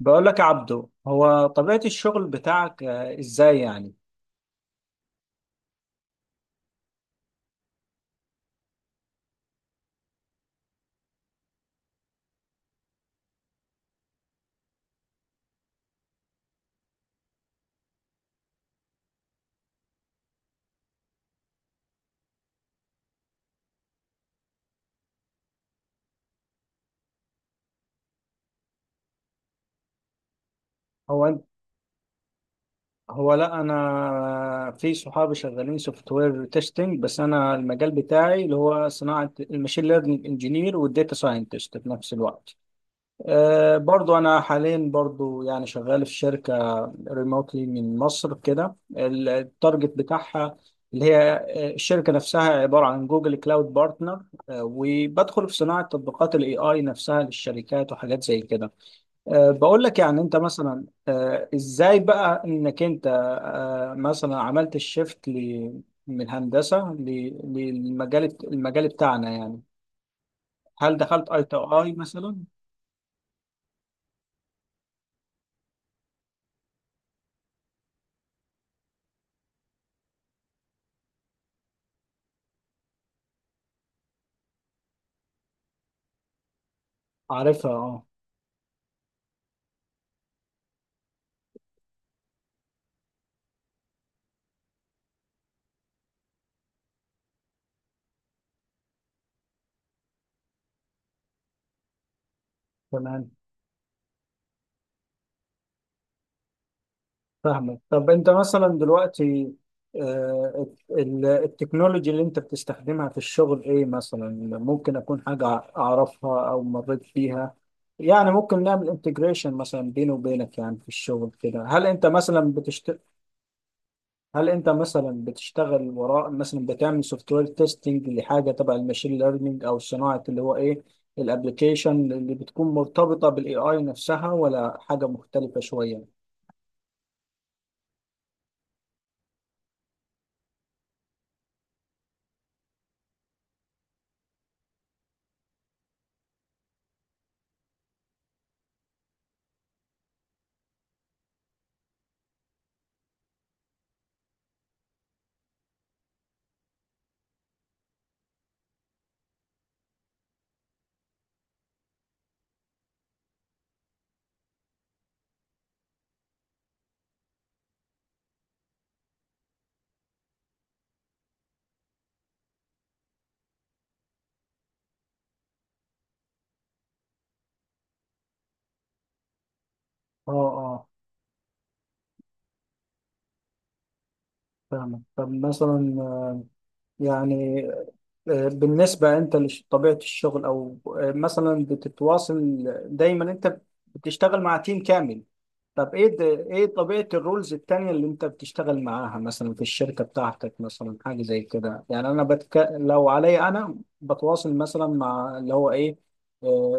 بقول لك يا عبدو، هو طبيعة الشغل بتاعك ازاي يعني؟ هو أنت- هو لا، انا في صحابي شغالين سوفت وير تيستنج، بس انا المجال بتاعي اللي هو صناعة الماشين ليرنينج انجينير والداتا ساينتست في نفس الوقت. برضو أنا حاليا برضو يعني شغال في شركة ريموتلي من مصر كده. التارجت بتاعها اللي هي الشركة نفسها عبارة عن جوجل كلاود بارتنر، وبدخل في صناعة تطبيقات الاي اي نفسها للشركات وحاجات زي كده. بقول لك، يعني انت مثلا، ازاي بقى انك انت مثلا عملت الشيفت من هندسة للمجال بتاعنا يعني؟ هل دخلت اي تو اي مثلا؟ عارفها اه. تمام. فاهمك. طب انت مثلا دلوقتي التكنولوجي اللي انت بتستخدمها في الشغل ايه؟ مثلا ممكن اكون حاجة اعرفها او مريت بيها، يعني ممكن نعمل انتجريشن مثلا بيني وبينك يعني في الشغل كده. هل انت مثلا بتشتغل وراء مثلا بتعمل سوفت وير تيستنج لحاجة تبع الماشين ليرنينج؟ او صناعة اللي هو ايه، الابلكيشن اللي بتكون مرتبطة بالاي اي نفسها، ولا حاجة مختلفة شوية؟ اه اه. فاهمك. طب مثلا يعني بالنسبة أنت لطبيعة الشغل، أو مثلا بتتواصل دايما، أنت بتشتغل مع تيم كامل؟ طب ايه ده، ايه طبيعة الرولز التانية اللي انت بتشتغل معاها مثلا في الشركة بتاعتك؟ مثلا حاجة زي كده يعني، انا لو عليا انا، بتواصل مثلا مع اللي هو ايه،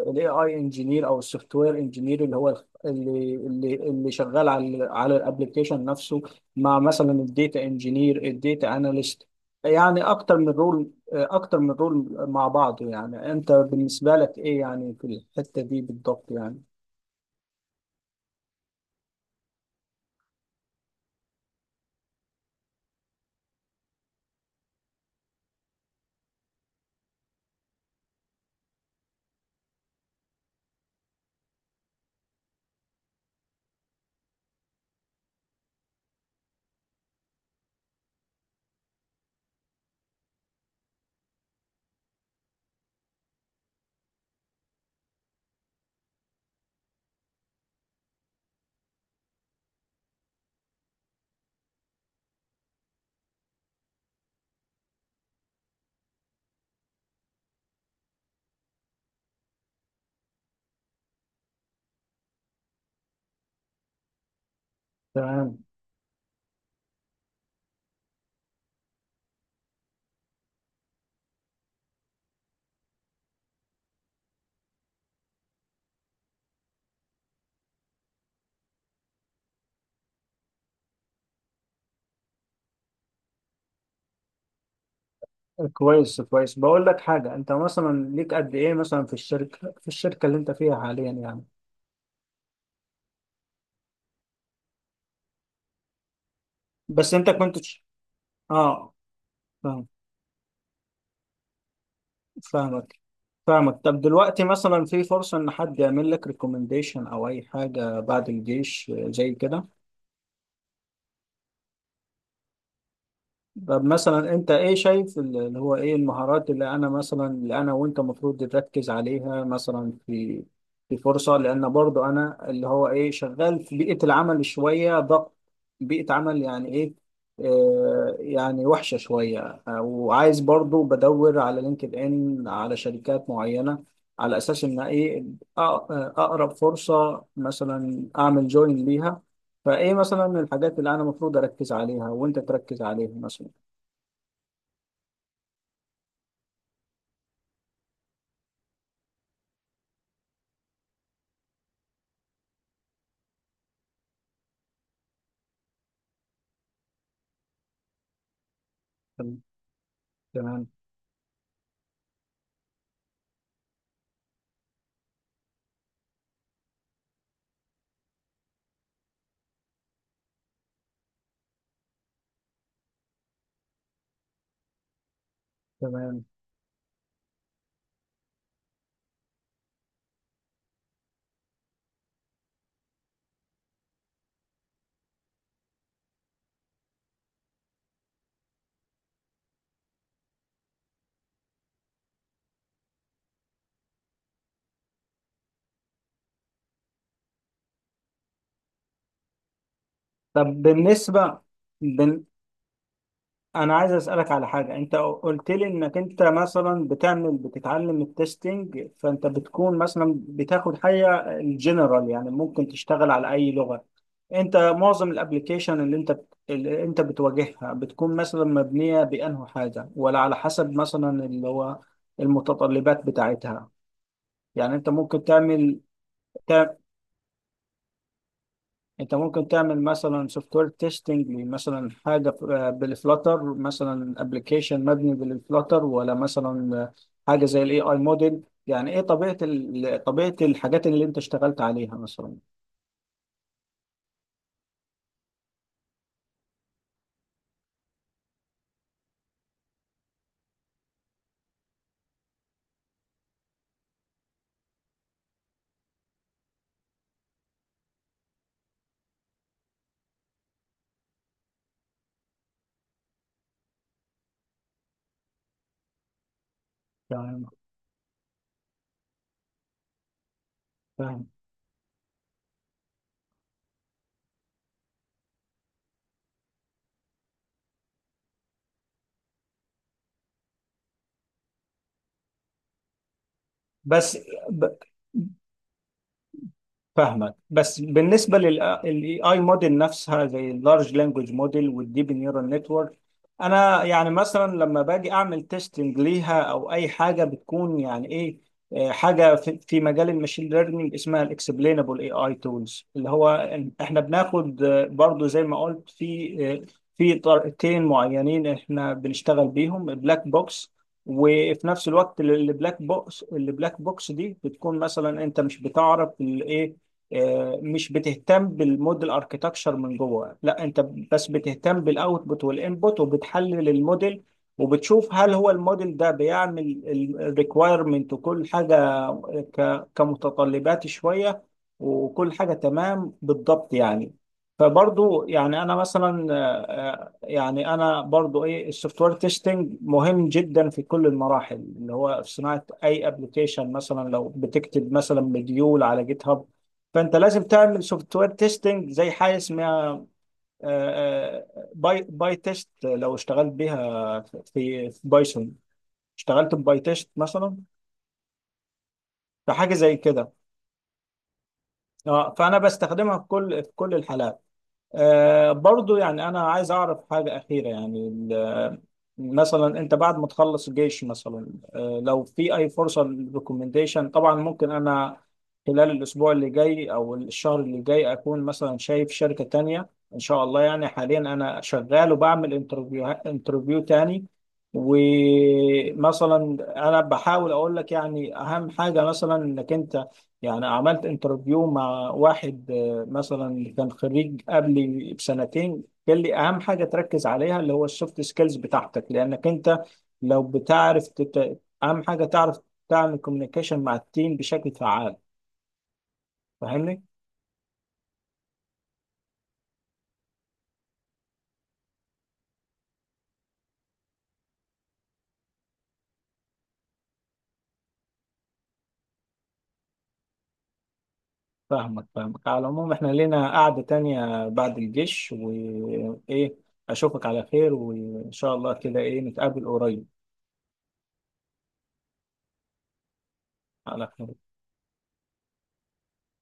الاي اي انجينير او السوفت وير انجينير اللي هو اللي شغال على الابلكيشن نفسه، مع مثلا الديتا انجينير، الديتا اناليست. يعني اكتر من رول، اكتر من رول مع بعضه يعني. انت بالنسبة لك ايه يعني في الحتة دي بالضبط يعني؟ تمام. كويس كويس. بقول لك حاجة، انت مثلا ليك قد ايه مثلا في الشركة، في الشركة اللي انت فيها حاليا يعني؟ بس انت كنت تش- اه. فاهم. فاهمك. فاهمك. طب دلوقتي مثلا، في فرصة ان حد يعمل لك ريكومنديشن او اي حاجة بعد الجيش زي كده؟ طب مثلا انت ايه شايف اللي هو ايه، المهارات اللي انا مثلا، اللي انا وانت المفروض نركز عليها مثلا في في فرصة؟ لان برضو انا اللي هو ايه، شغال في بيئة العمل شوية ضغط، بيئة عمل يعني ايه، آه يعني وحشة شوية. وعايز برضو بدور على لينكد ان على شركات معينة، على اساس ان ايه، اقرب فرصة مثلا اعمل جوين ليها. فايه مثلا الحاجات اللي انا المفروض اركز عليها وانت تركز عليها مثلا؟ تم- تمام. تمام. طب بالنسبة، بال... أنا عايز أسألك على حاجة. أنت قلت لي إنك أنت مثلا بتعمل بتتعلم التستنج، فأنت بتكون مثلا بتاخد حاجة الجنرال يعني، ممكن تشتغل على أي لغة؟ أنت معظم الأبليكيشن اللي اللي أنت بتواجهها بتكون مثلا مبنية بأنه حاجة، ولا على حسب مثلا اللي هو المتطلبات بتاعتها؟ يعني أنت ممكن تعمل، انت ممكن تعمل مثلا سوفت وير تيستنج مثلا حاجه بالفلاتر، مثلا ابلكيشن مبني بالفلاتر، ولا مثلا حاجه زي الاي اي موديل؟ يعني ايه طبيعه طبيعه الحاجات اللي انت اشتغلت عليها مثلا؟ تمام. فاهم. بس ب- فاهمك. بس بالنسبه للاي اي موديل نفسها زي اللارج لانجوج موديل والديب نيورال نتورك، انا يعني مثلا لما باجي اعمل تيستنج ليها او اي حاجه، بتكون يعني ايه حاجه في في مجال الماشين ليرنينج اسمها الاكسبلينبل اي اي تولز، اللي هو احنا بناخد برضو زي ما قلت في آه، في طريقتين معينين احنا بنشتغل بيهم، بلاك بوكس، وفي نفس الوقت البلاك بوكس، دي بتكون مثلا انت مش بتعرف الايه، مش بتهتم بالموديل اركيتكشر من جوه، لا انت بس بتهتم بالاوتبوت والانبوت، وبتحلل الموديل وبتشوف هل هو الموديل ده بيعمل الريكوايرمنت وكل حاجه، كمتطلبات شويه، وكل حاجه تمام بالضبط يعني. فبرضو يعني انا مثلا، يعني انا برضو ايه، السوفت وير تيستنج مهم جدا في كل المراحل اللي هو في صناعه اي ابلكيشن. مثلا لو بتكتب مثلا مديول على جيت هاب، فانت لازم تعمل سوفت وير تيستنج زي حاجه اسمها باي، باي تيست. لو اشتغلت بيها في في بايثون، اشتغلت بباي تيست مثلا، فحاجه زي كده. اه، فانا بستخدمها في كل في كل الحالات. آه برضو، يعني أنا عايز أعرف حاجة أخيرة يعني مثلا أنت بعد ما تخلص الجيش مثلا، آه لو في أي فرصة للريكومنديشن طبعا. ممكن أنا خلال الأسبوع اللي جاي أو الشهر اللي جاي أكون مثلا شايف شركة تانية إن شاء الله. يعني حاليا أنا شغال وبعمل انترفيو، تاني ومثلا، أنا بحاول أقول لك يعني أهم حاجة مثلا، إنك أنت يعني، عملت انترفيو مع واحد مثلا كان خريج قبلي بسنتين، قال لي اهم حاجه تركز عليها اللي هو السوفت سكيلز بتاعتك، لانك انت لو بتعرف اهم حاجه تعرف تعمل كوميونيكيشن مع التيم بشكل فعال. فاهمني؟ فاهمك. فاهمك. على العموم، احنا لينا قعده تانية بعد الجيش وايه، اشوفك على خير، وان شاء الله كده ايه نتقابل قريب. على خير.